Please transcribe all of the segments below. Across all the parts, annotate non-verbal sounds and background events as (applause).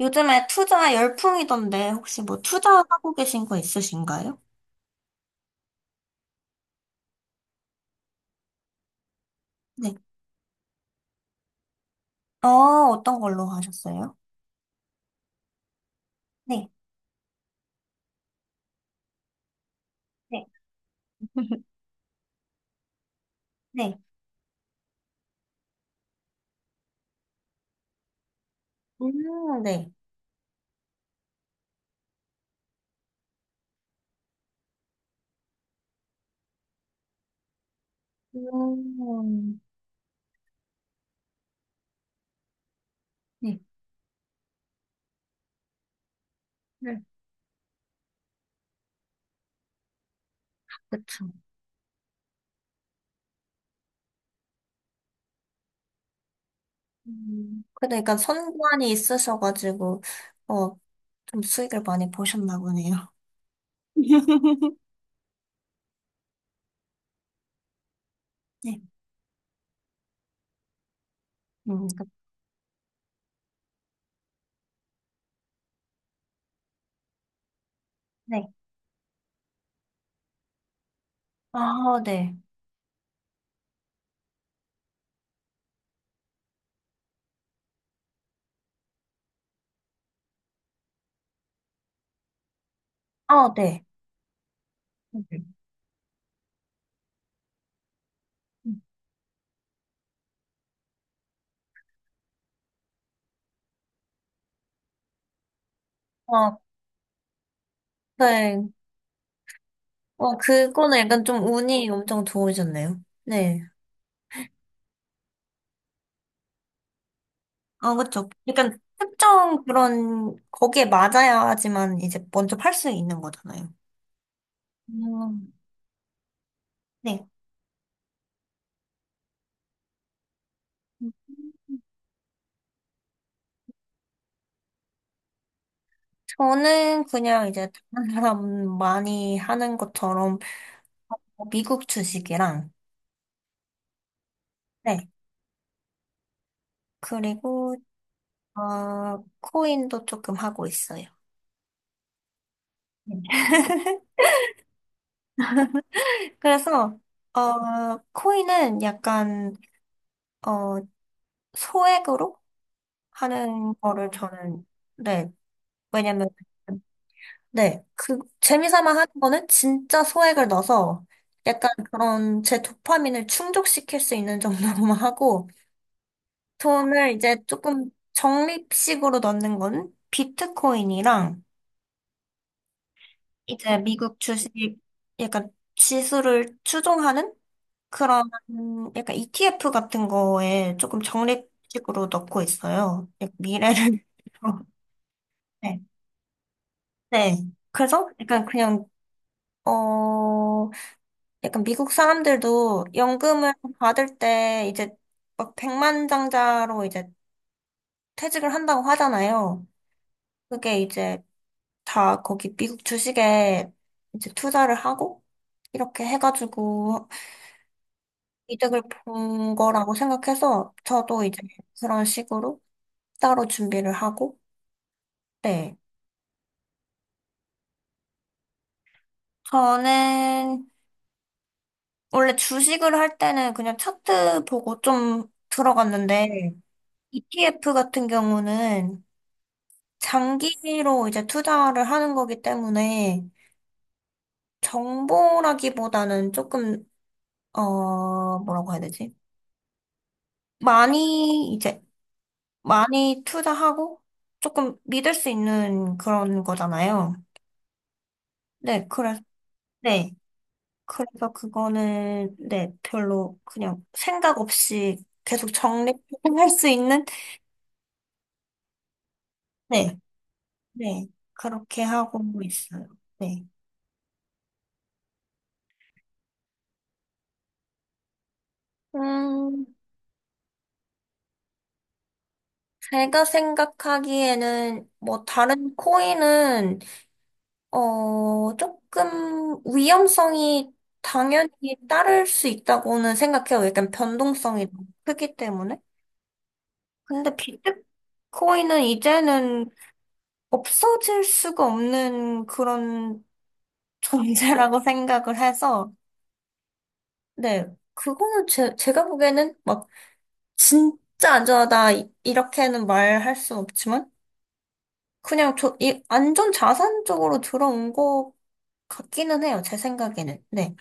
요즘에 투자 열풍이던데 혹시 뭐 투자하고 계신 거 있으신가요? 네. 어떤 걸로 하셨어요? 네. 네. 네. 네. 음, 네. 네. 그쵸. 그러니까 선관이 있으셔가지고, 어, 좀 수익을 많이 보셨나 보네요. (laughs) 네. 음, 그- 네. 아, 네. 아, 네. 음. 아, 네. 그거는 약간 좀 운이 엄청 좋으셨네요. 네. 아, 그쵸. 약간 특정 그런, 거기에 맞아야지만 이제 먼저 팔 수 있는 거잖아요. 음. 네. 저는 그냥 이제 다른 사람 많이 하는 것처럼 미국 주식이랑, 네. 그리고, 코인도 조금 하고 있어요. 네. (laughs) 그래서, 코인은 약간, 어, 소액으로 하는 거를 저는, 네. 왜냐면, 네, 그 재미삼아 하는 거는 진짜 소액을 넣어서 약간 그런 제 도파민을 충족시킬 수 있는 정도로만 (laughs) 하고 돈을 이제 조금 적립식으로 넣는 건 비트코인이랑 이제 미국 주식 약간 지수를 추종하는 그런 약간 ETF 같은 거에 조금 적립식으로 넣고 있어요. 약간 미래를. (laughs) 위해서. 네. 네. 그래서 약간 그냥 어 약간 미국 사람들도 연금을 받을 때 이제 막 백만장자로 이제 퇴직을 한다고 하잖아요. 그게 이제 다 거기 미국 주식에 이제 투자를 하고 이렇게 해가지고 이득을 본 거라고 생각해서 저도 이제 그런 식으로 따로 준비를 하고, 네. 저는 원래 주식을 할 때는 그냥 차트 보고 좀 들어갔는데 ETF 같은 경우는 장기로 이제 투자를 하는 거기 때문에 정보라기보다는 조금, 뭐라고 해야 되지? 많이, 이제, 많이 투자하고 조금 믿을 수 있는 그런 거잖아요. 네, 그래서, 네. 그래서 그거는, 네, 별로 그냥 생각 없이 계속 적립할 (laughs) 수 있는, 네, 네. 그렇게 하고 있어요. 네. 음, 제가 생각하기에는 뭐 다른 코인은 조금 위험성이 당연히 따를 수 있다고는 생각해요. 약간 변동성이 너무 크기 때문에. 근데 비트코인은 이제는 없어질 수가 없는 그런 (laughs) 존재라고 생각을 해서 네 그거는 제가 보기에는 막 진짜 안전하다 이렇게는 말할 수 없지만. 그냥 안전 자산 쪽으로 들어온 것 같기는 해요, 제 생각에는. 네.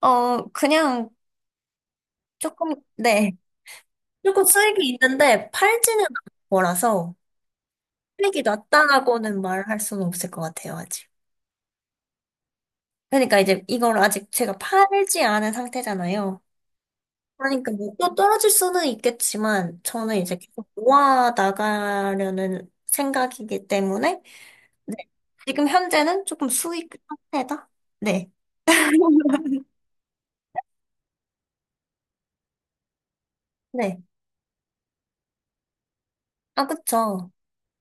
그냥 조금, 네. 조금 수익이 있는데 팔지는 않을 거라서 수익이 낮다라고는 말할 수는 없을 것 같아요, 아직. 그러니까 이제 이걸 아직 제가 팔지 않은 상태잖아요. 그러니까 뭐 또 떨어질 수는 있겠지만 저는 이제 계속 모아 나가려는 생각이기 때문에 네. 지금 현재는 조금 수익 상태다? 네. (laughs) 네. 아, 그쵸.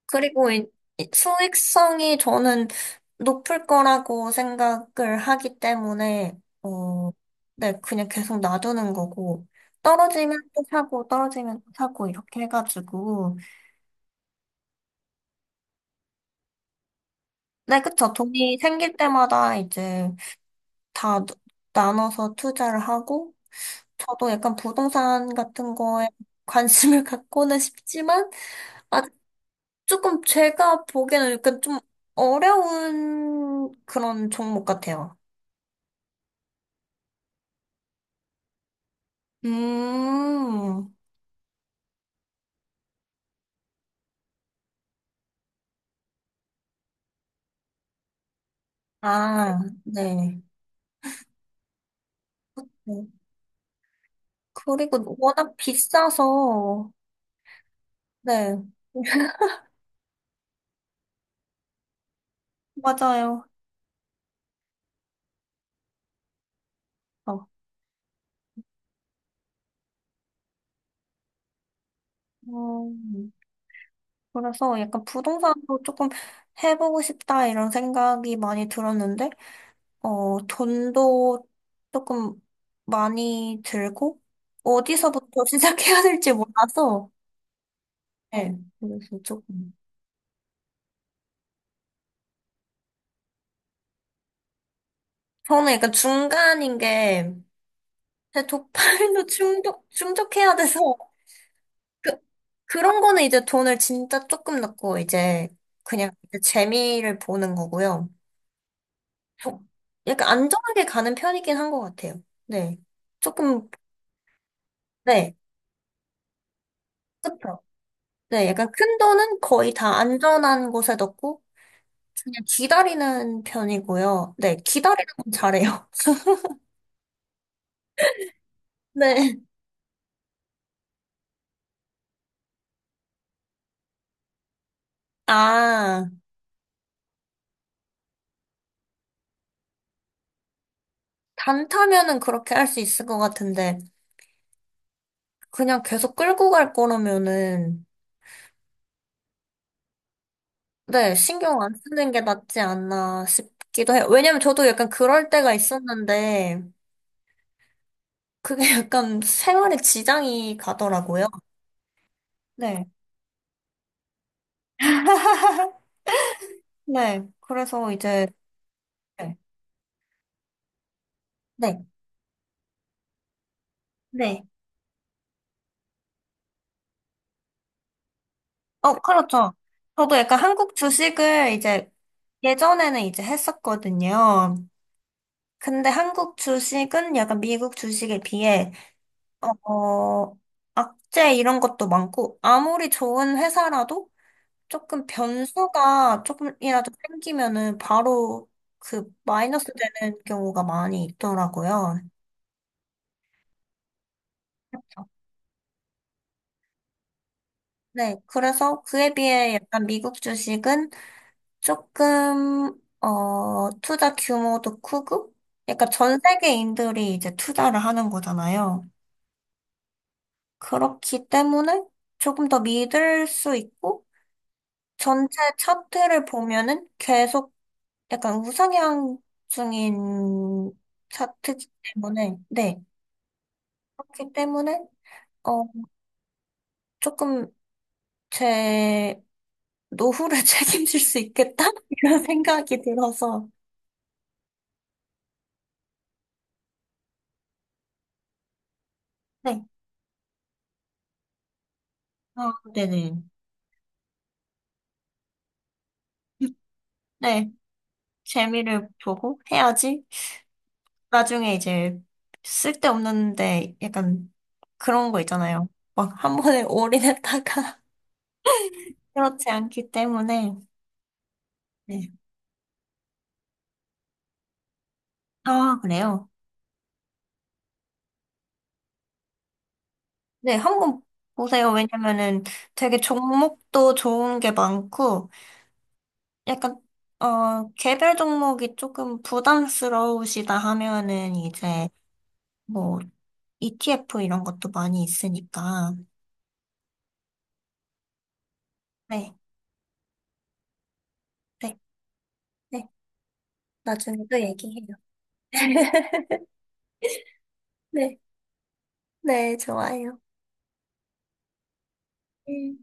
그리고 이 수익성이 저는 높을 거라고 생각을 하기 때문에, 어, 네, 그냥 계속 놔두는 거고, 떨어지면 또 사고, 떨어지면 또 사고, 이렇게 해가지고, 네, 그쵸. 돈이 생길 때마다 이제 다 나눠서 투자를 하고, 저도 약간 부동산 같은 거에 관심을 (laughs) 갖고는 싶지만, 아, 조금 제가 보기에는 약간 좀 어려운 그런 종목 같아요. 음, 아, 네. 네. 그리고 워낙 비싸서, 네, 맞아요. 어, 음, 그래서 약간 부동산도 조금 해보고 싶다 이런 생각이 많이 들었는데, 돈도 조금 많이 들고, 어디서부터 (laughs) 시작해야 될지 몰라서, 네, 그래서 조금. 저는 약간 중간인 게, 제 도파민도 (laughs) 충족, 충족해야 돼서, (laughs) 그, 그런 거는 이제 돈을 진짜 조금 넣고, 이제, 그냥 이제 재미를 보는 거고요. 저- 약간 안정하게 가는 편이긴 한 것 같아요. 네. 조금, 네. 그쵸. 네. 약간 큰 돈은 거의 다 안전한 곳에 넣고, 그냥 기다리는 편이고요. 네. 기다리는 건 잘해요. (laughs) 네. 아, 단타면은 그렇게 할 수 있을 것 같은데. 그냥 계속 끌고 갈 거라면은, 네, 신경 안 쓰는 게 낫지 않나 싶기도 해요. 왜냐면 저도 약간 그럴 때가 있었는데, 그게 (laughs) 약간 생활에 지장이 가더라고요. 네. (laughs) 네. 그래서 이제, 네. 네. 네. 그렇죠. 저도 약간 한국 주식을 이제 예전에는 이제 했었거든요. 근데 한국 주식은 약간 미국 주식에 비해 어, 악재 이런 것도 많고, 아무리 좋은 회사라도 조금 변수가 조금이라도 생기면은 바로 그 마이너스 되는 경우가 많이 있더라고요. 네, 그래서 그에 비해 약간 미국 주식은 조금, 투자 규모도 크고, 약간 전 세계인들이 이제 투자를 하는 거잖아요. 그렇기 때문에 조금 더 믿을 수 있고, 전체 차트를 보면은 계속 약간 우상향 중인 차트기 때문에, 네. 그렇기 때문에, 어, 조금 제 노후를 (laughs) 책임질 수 있겠다? (laughs) 이런 생각이 들어서, 네. 어, 네네. 네. 재미를 보고 해야지. 나중에 이제 쓸데없는데 약간 그런 거 있잖아요. 막 한 번에 올인했다가 (laughs) 그렇지 않기 때문에, 네. 아, 그래요. 네, 한번 보세요. 왜냐면은 되게 종목도 좋은 게 많고, 약간, 개별 종목이 조금 부담스러우시다 하면은 이제, 뭐, ETF 이런 것도 많이 있으니까. 네, 네, 네. 나중에 또 얘기해요. (laughs) 네, 네, 좋아요. 음.